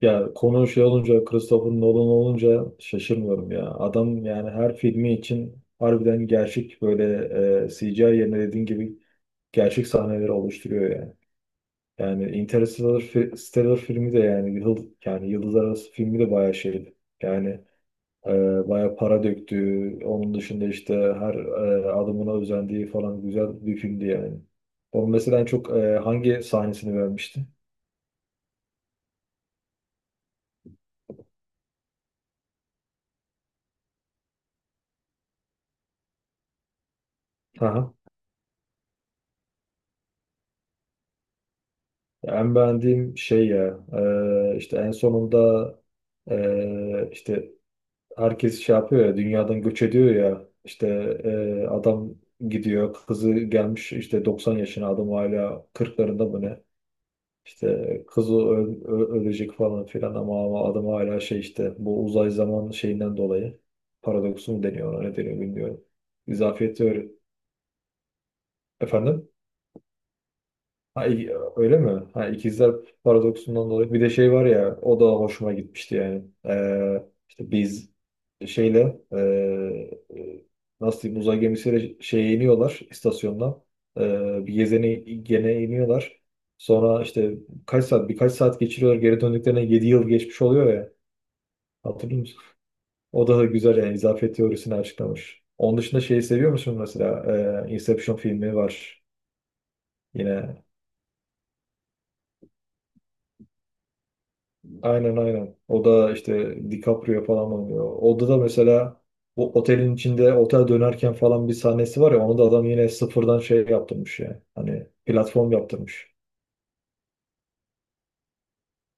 Ya konu şey olunca, Christopher Nolan olunca şaşırmıyorum ya. Adam yani her filmi için harbiden gerçek böyle CGI yerine dediğin gibi gerçek sahneleri oluşturuyor yani. Yani Interstellar, Stellar filmi de yani yani Yıldız Arası filmi de bayağı şeydi. Yani bayağı para döktü. Onun dışında işte her adımına özendiği falan güzel bir filmdi yani. Onun mesela en çok hangi sahnesini beğenmiştin? En beğendiğim şey ya işte en sonunda işte herkes şey yapıyor ya dünyadan göç ediyor ya işte adam gidiyor, kızı gelmiş işte 90 yaşına, adam hala 40'larında mı ne, işte kızı ölecek falan filan ama, adam hala şey işte bu uzay zaman şeyinden dolayı, paradoksu mu deniyor ona, ne deniyor bilmiyorum. İzafiyeti öyle. Efendim? Ha, öyle mi? Ha, ikizler paradoksundan dolayı. Bir de şey var ya, o da hoşuma gitmişti yani. Ee, işte biz şeyle e, nasıl diyeyim, uzay gemisiyle şeye iniyorlar istasyondan. Bir gezene gene iniyorlar. Sonra işte kaç saat, birkaç saat geçiriyorlar. Geri döndüklerine 7 yıl geçmiş oluyor ya. Hatırlıyor musun? O da güzel yani, izafiyet teorisini açıklamış. Onun dışında şeyi seviyor musun mesela? Inception filmi var. Yine aynen, aynen. O da işte DiCaprio falan oynuyor. Orada da mesela bu otelin içinde otel dönerken falan bir sahnesi var ya, onu da adam yine sıfırdan şey yaptırmış yani. Hani platform yaptırmış.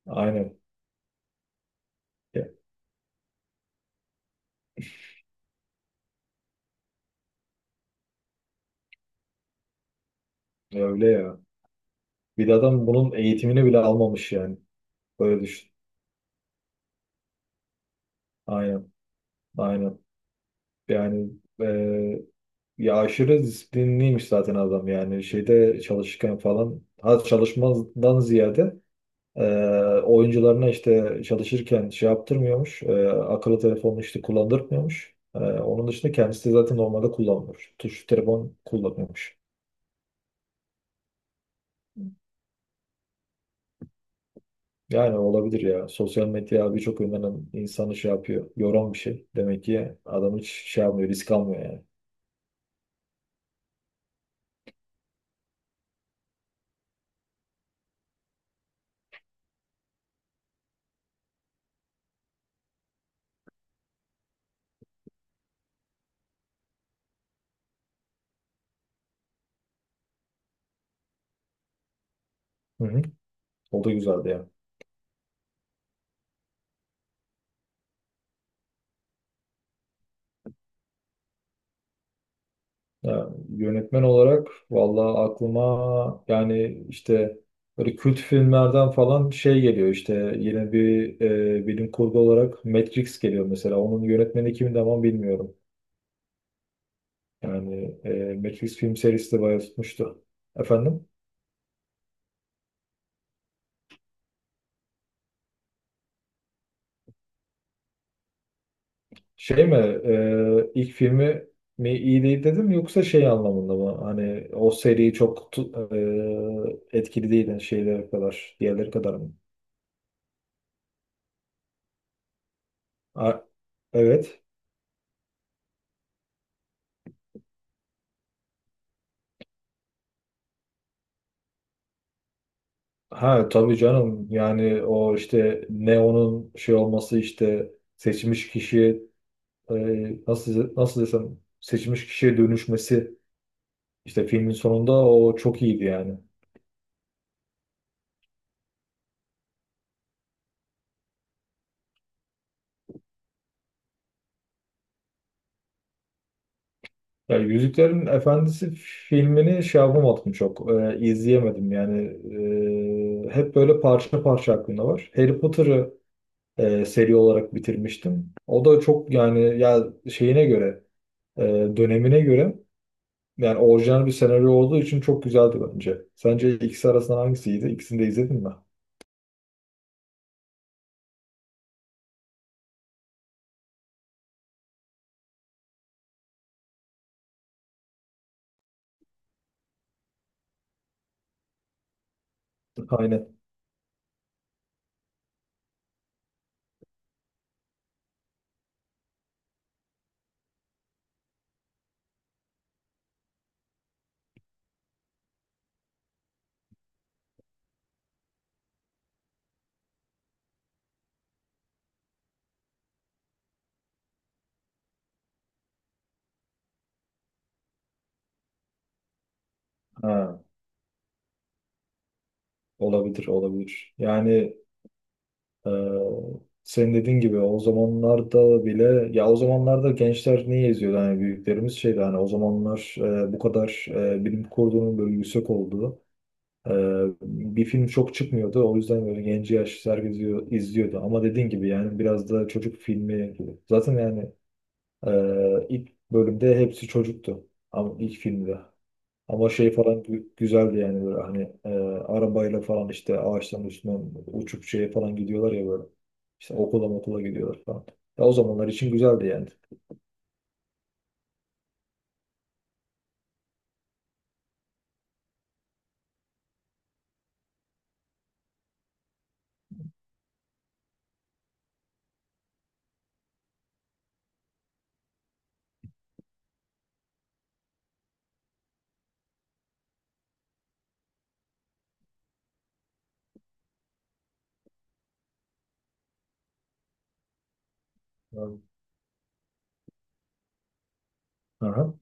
Aynen. Ya, öyle ya. Bir de adam bunun eğitimini bile almamış yani. Böyle düşün. Aynen. Aynen. Yani e, ya aşırı disiplinliymiş zaten adam yani. Şeyde çalışırken falan. Ha, çalışmadan ziyade Ee, oyuncularına işte çalışırken şey yaptırmıyormuş. Akıllı telefonunu işte kullandırmıyormuş. Onun dışında kendisi de zaten normalde kullanmıyor. Tuş telefon kullanıyormuş. Yani olabilir ya. Sosyal medya birçok yönden insanı şey yapıyor. Yoran bir şey. Demek ki adam hiç şey yapmıyor, risk almıyor yani. Hı hı. O da güzeldi yani. Ya, yönetmen olarak vallahi aklıma yani işte böyle kült filmlerden falan şey geliyor, işte yine bir bilim kurgu olarak Matrix geliyor mesela. Onun yönetmeni kimdi ama, bilmiyorum. Yani Matrix film serisi de bayağı tutmuştu. Efendim? Şey mi ilk filmi mi iyi değil dedim, yoksa şey anlamında mı? Hani o seri çok etkili değil yani şeyler kadar, diğerleri kadar mı? A- evet. Ha, tabii canım, yani o işte Neo'nun şey olması, işte seçmiş kişiye e, nasıl desem, seçmiş kişiye dönüşmesi, işte filmin sonunda, o çok iyiydi yani. Ya Yüzüklerin Efendisi filmini şey yapamadım, çok izleyemedim yani, hep böyle parça parça aklımda var. Harry Potter'ı seri olarak bitirmiştim. O da çok yani, ya şeyine göre e, dönemine göre, yani orijinal bir senaryo olduğu için çok güzeldi bence. Sence ikisi arasından hangisiydi? İkisini de izledin mi? Aynen. Ha, olabilir, olabilir. Yani e, senin dediğin gibi o zamanlarda bile, ya o zamanlarda gençler niye izliyordu? Hani büyüklerimiz şeydi, hani o zamanlar bu kadar bilim kurgunun böyle yüksek olduğu Ee, bir film çok çıkmıyordu. O yüzden böyle genci yaş herkes izliyordu. Ama dediğin gibi yani biraz da çocuk filmi. Zaten yani ilk bölümde hepsi çocuktu. Ama ilk filmde. Ama şey falan güzeldi yani, böyle hani arabayla falan işte ağaçların üstünden uçup şeye falan gidiyorlar ya böyle. İşte okula gidiyorlar falan. Ya o zamanlar için güzeldi yani. Aha.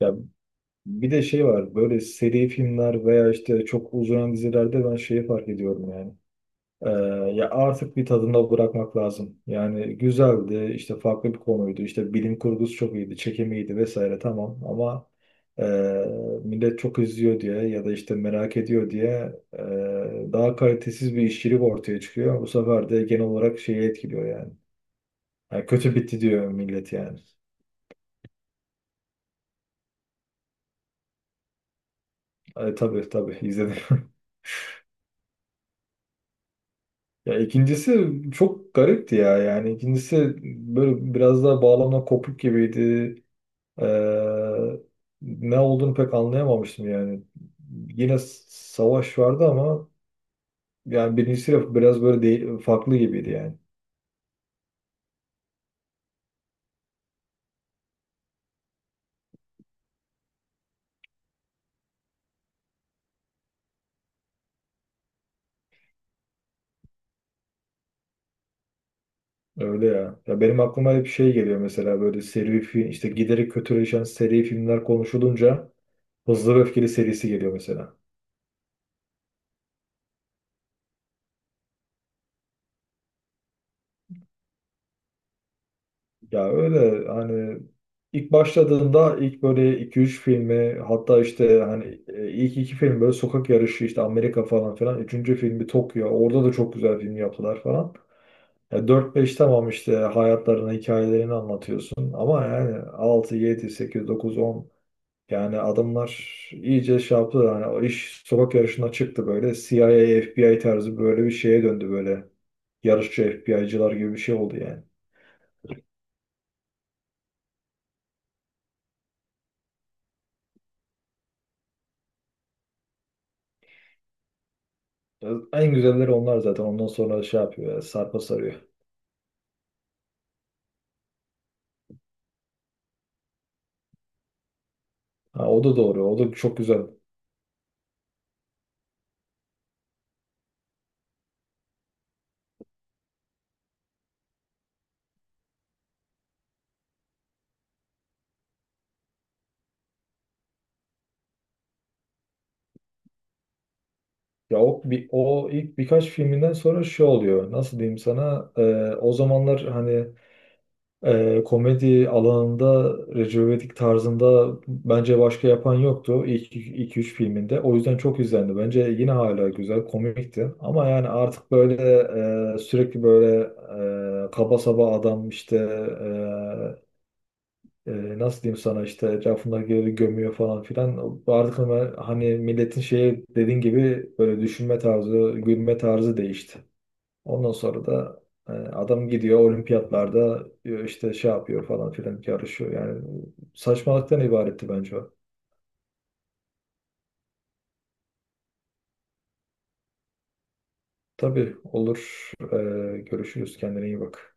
Ya bir de şey var, böyle seri filmler veya işte çok uzayan dizilerde ben şeyi fark ediyorum yani. Ee, Ya artık bir tadında bırakmak lazım. Yani güzeldi, işte farklı bir konuydu, işte bilim kurgusu çok iyiydi, çekimi iyiydi vesaire, tamam, ama e, millet çok izliyor diye, ya da işte merak ediyor diye daha kalitesiz bir işçilik ortaya çıkıyor. Bu sefer de genel olarak şeyi etkiliyor yani. Yani kötü bitti diyor millet yani. Tabii, tabii izledim. Ya ikincisi çok garipti ya, yani ikincisi böyle biraz daha bağlamla kopuk gibiydi. Ee, Ne olduğunu pek anlayamamıştım yani. Yine savaş vardı ama, yani birincisi de biraz böyle değil, farklı gibiydi yani. Öyle ya. Ya benim aklıma hep bir şey geliyor, mesela böyle seri film, işte giderek kötüleşen seri filmler konuşulunca Hızlı ve Öfkeli serisi geliyor mesela. Ya öyle hani, ilk başladığında ilk böyle iki üç filmi, hatta işte hani ilk iki film böyle sokak yarışı, işte Amerika falan filan. Üçüncü filmi Tokyo. Orada da çok güzel film yaptılar falan. Ya 4-5 tamam, işte hayatlarını, hikayelerini anlatıyorsun. Ama yani altı, yedi, sekiz, dokuz, on, yani adamlar iyice şey yaptı. Yani o iş sokak yarışına çıktı böyle. CIA, FBI tarzı böyle bir şeye döndü böyle. Yarışçı FBI'cılar gibi bir şey oldu yani. Ya, en güzelleri onlar zaten. Ondan sonra şey yapıyor ya, sarpa sarıyor. Ha, o da doğru. O da çok güzel. Ya o, bir, o ilk birkaç filminden sonra şey oluyor. Nasıl diyeyim sana? O zamanlar hani komedi alanında Recep İvedik tarzında bence başka yapan yoktu. İlk iki üç filminde. O yüzden çok izlendi. Bence yine hala güzel, komikti. Ama yani artık böyle sürekli böyle kaba saba adam işte e, nasıl diyeyim sana, işte etrafındakileri gömüyor falan filan. Bu artık, ama hani milletin şeye, dediğin gibi böyle düşünme tarzı, gülme tarzı değişti. Ondan sonra da adam gidiyor olimpiyatlarda işte şey yapıyor falan filan, yarışıyor. Yani saçmalıktan ibaretti bence o. Tabii, olur. Görüşürüz. Kendine iyi bak.